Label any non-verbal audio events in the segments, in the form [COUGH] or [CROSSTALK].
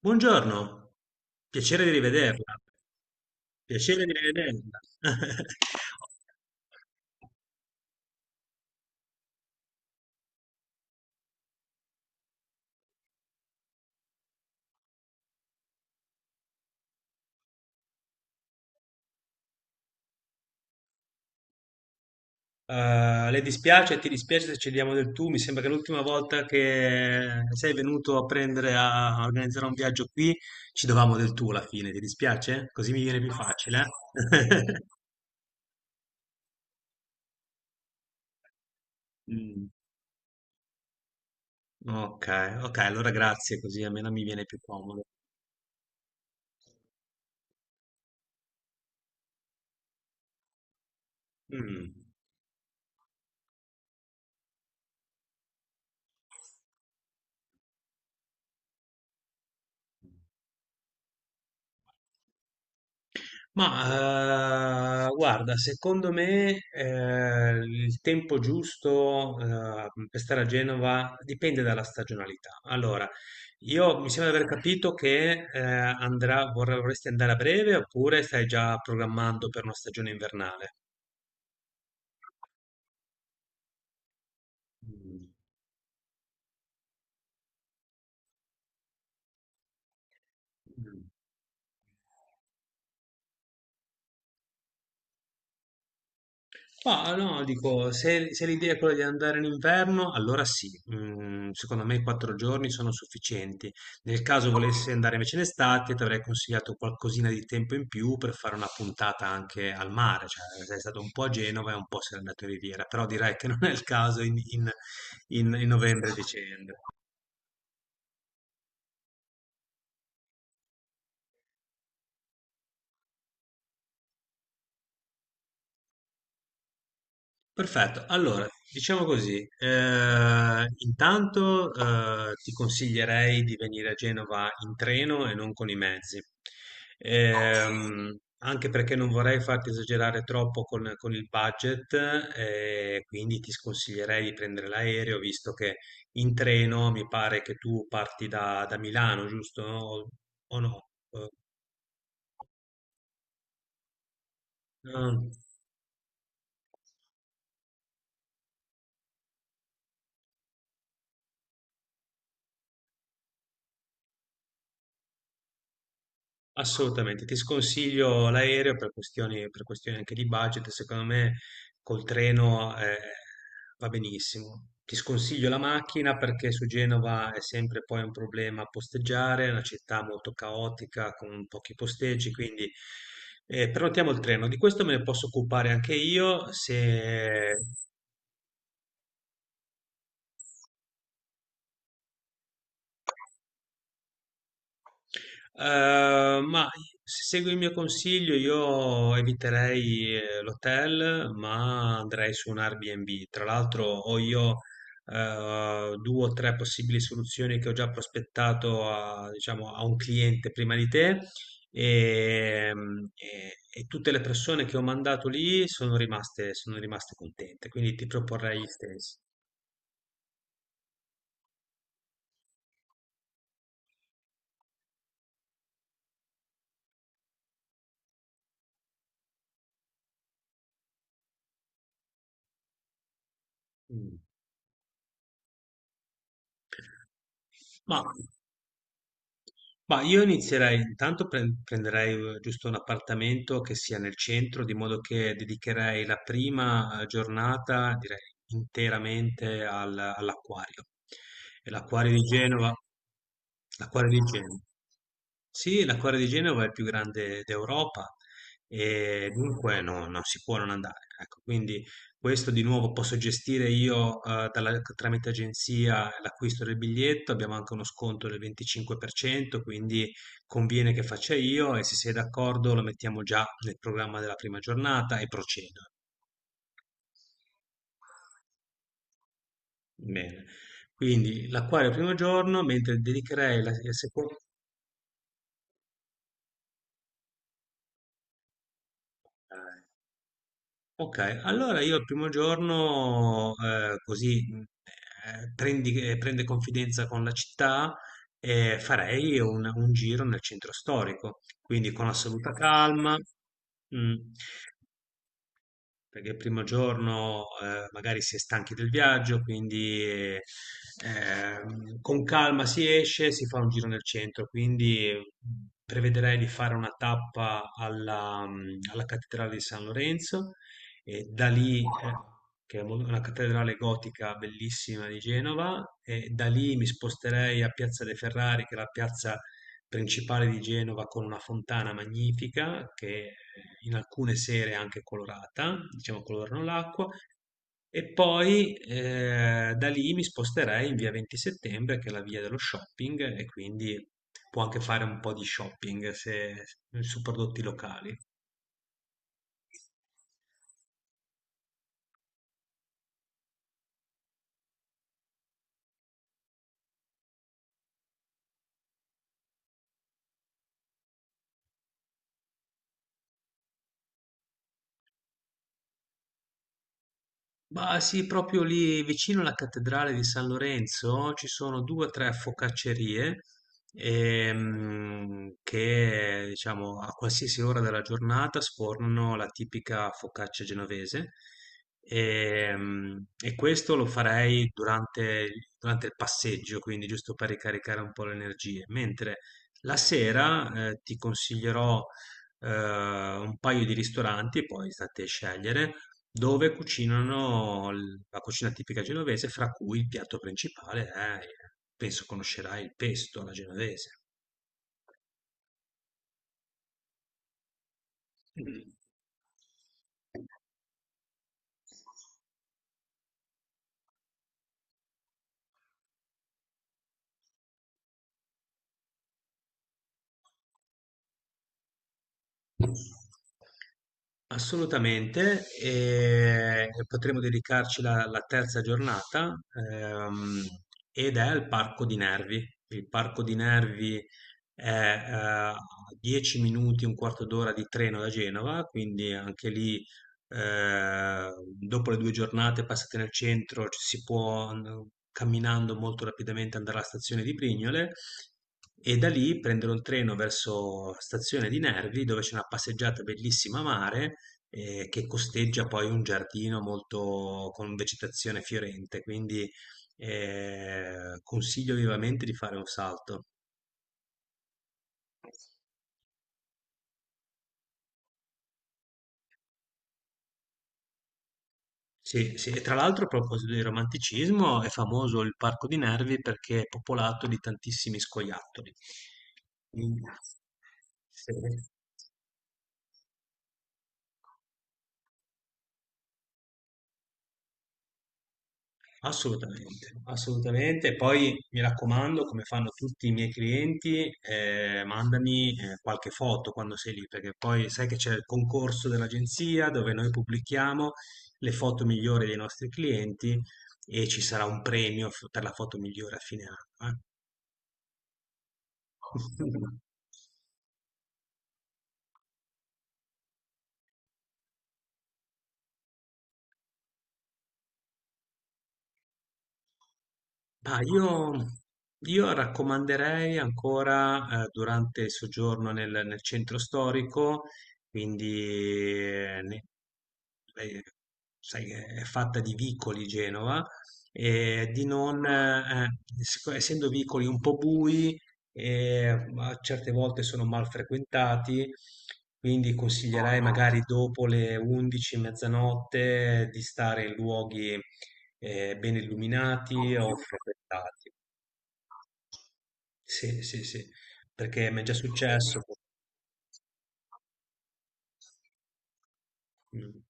Buongiorno, piacere di rivederla. Piacere di rivederla. [LAUGHS] Ti dispiace se ci diamo del tu? Mi sembra che l'ultima volta che sei venuto a prendere a a organizzare un viaggio qui ci dovevamo del tu alla fine, ti dispiace? Così mi viene più facile, eh? [LAUGHS] Mm, ok, ok, allora grazie, così almeno mi viene più comodo. Mm. Ma guarda, secondo me il tempo giusto per stare a Genova dipende dalla stagionalità. Allora, io mi sembra di aver capito che vorresti andare a breve oppure stai già programmando per una stagione invernale? Ma no, dico, se l'idea è quella di andare in inverno, allora sì. Secondo me 4 giorni sono sufficienti. Nel caso volessi andare invece in estate, ti avrei consigliato qualcosina di tempo in più per fare una puntata anche al mare, cioè sei stato un po' a Genova e un po' sei andato in Riviera, però direi che non è il caso in, in novembre e dicembre. Perfetto, allora diciamo così, intanto ti consiglierei di venire a Genova in treno e non con i mezzi. Ok. Ehm, Anche perché non vorrei farti esagerare troppo con, il budget, quindi ti sconsiglierei di prendere l'aereo, visto che in treno mi pare che tu parti da Milano, giusto? O no? No. Assolutamente, ti sconsiglio l'aereo per questioni anche di budget, secondo me col treno va benissimo. Ti sconsiglio la macchina perché su Genova è sempre poi un problema posteggiare, è una città molto caotica con pochi posteggi, quindi prenotiamo il treno. Di questo me ne posso occupare anche io se. Ma se segui il mio consiglio, io eviterei l'hotel, ma andrei su un Airbnb. Tra l'altro, ho io due o tre possibili soluzioni che ho già prospettato a, diciamo, a un cliente prima di te. E tutte le persone che ho mandato lì sono rimaste contente, quindi ti proporrei gli stessi. Mm. Ma Ma io inizierei, intanto prenderei giusto un appartamento che sia nel centro, di modo che dedicherei la prima giornata, direi, interamente all'acquario. E l'acquario di Genova. L'acquario di Genova. Sì, l'acquario di Genova è il più grande d'Europa e dunque no, non si può non andare. Ecco, quindi questo di nuovo posso gestire io, dalla tramite agenzia l'acquisto del biglietto, abbiamo anche uno sconto del 25%, quindi conviene che faccia io e se sei d'accordo lo mettiamo già nel programma della prima giornata e procedo. Bene. Quindi l'acquario primo giorno, mentre dedicherei la il seco. Ok, allora io il primo giorno così prende confidenza con la città e farei un giro nel centro storico, quindi con assoluta calma. Mm. Perché il primo giorno magari si è stanchi del viaggio, quindi con calma si esce, si fa un giro nel centro, quindi prevederei di fare una tappa alla cattedrale di San Lorenzo e da lì, che è una cattedrale gotica bellissima di Genova, e da lì mi sposterei a Piazza dei Ferrari, che è la piazza principale di Genova con una fontana magnifica che in alcune sere è anche colorata, diciamo colorano l'acqua, e poi da lì mi sposterei in via 20 settembre, che è la via dello shopping, e quindi può anche fare un po' di shopping su prodotti locali. Ma sì, proprio lì vicino alla cattedrale di San Lorenzo ci sono due o tre focaccerie che, diciamo, a qualsiasi ora della giornata sfornano la tipica focaccia genovese. E, questo lo farei durante il passeggio, quindi giusto per ricaricare un po' le energie. Mentre la sera, ti consiglierò un paio di ristoranti, poi state a scegliere dove cucinano la cucina tipica genovese, fra cui il piatto principale è, penso conoscerai il pesto alla genovese. Assolutamente, e potremo dedicarci la, terza giornata, ehm, ed è al Parco di Nervi. Il Parco di Nervi è a 10 minuti, un quarto d'ora di treno da Genova, quindi anche lì. Eh, Dopo le 2 giornate passate nel centro ci si può camminando molto rapidamente andare alla stazione di Prignole e da lì prendere un treno verso stazione di Nervi dove c'è una passeggiata bellissima a mare che costeggia poi un giardino molto con vegetazione fiorente, quindi consiglio vivamente di fare un salto. Sì, sì, e tra l'altro a proposito di romanticismo è famoso il Parco di Nervi perché è popolato di tantissimi scoiattoli. Quindi, sì, assolutamente, assolutamente. Poi mi raccomando, come fanno tutti i miei clienti, mandami qualche foto quando sei lì, perché poi sai che c'è il concorso dell'agenzia dove noi pubblichiamo le foto migliori dei nostri clienti e ci sarà un premio per la foto migliore a fine anno. [LAUGHS] Ma io, raccomanderei ancora durante il soggiorno nel, centro storico, quindi eh, sai, è fatta di vicoli Genova, e di non, essendo vicoli un po' bui, e a certe volte sono mal frequentati, quindi consiglierei magari dopo le 11, mezzanotte di stare in luoghi ben illuminati o frequentati. Sì, sì, sì, perché mi è già successo. Mm.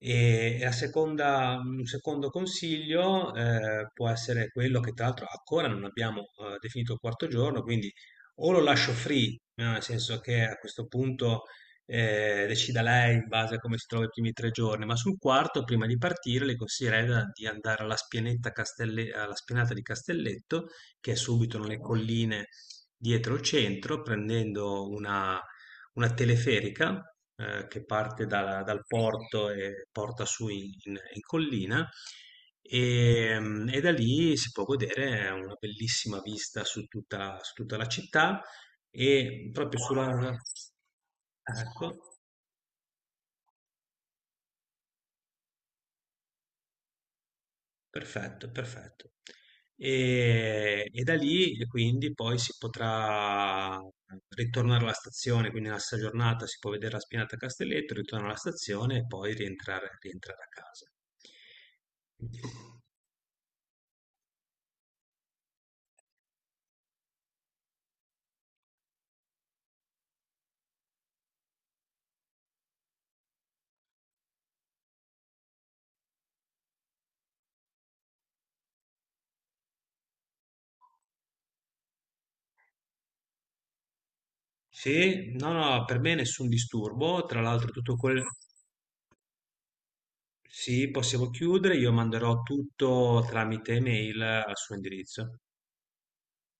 E la seconda, un secondo consiglio può essere quello che tra l'altro ancora non abbiamo definito il quarto giorno, quindi o lo lascio free, no? Nel senso che a questo punto decida lei in base a come si trova i primi 3 giorni, ma sul quarto, prima di partire, le consiglierei di andare alla spianata di Castelletto, che è subito nelle colline dietro il centro, prendendo una teleferica che parte dal porto e porta su in, in collina e da lì si può godere una bellissima vista su tutta la città e proprio sulla. Ecco. Perfetto, perfetto. E da lì e quindi poi si potrà ritornare alla stazione, quindi nella stessa giornata si può vedere la Spinata a Castelletto, ritornare alla stazione e poi rientrare a casa. Sì, no, no, per me nessun disturbo, tra l'altro tutto quello. Sì, possiamo chiudere, io manderò tutto tramite email al suo indirizzo.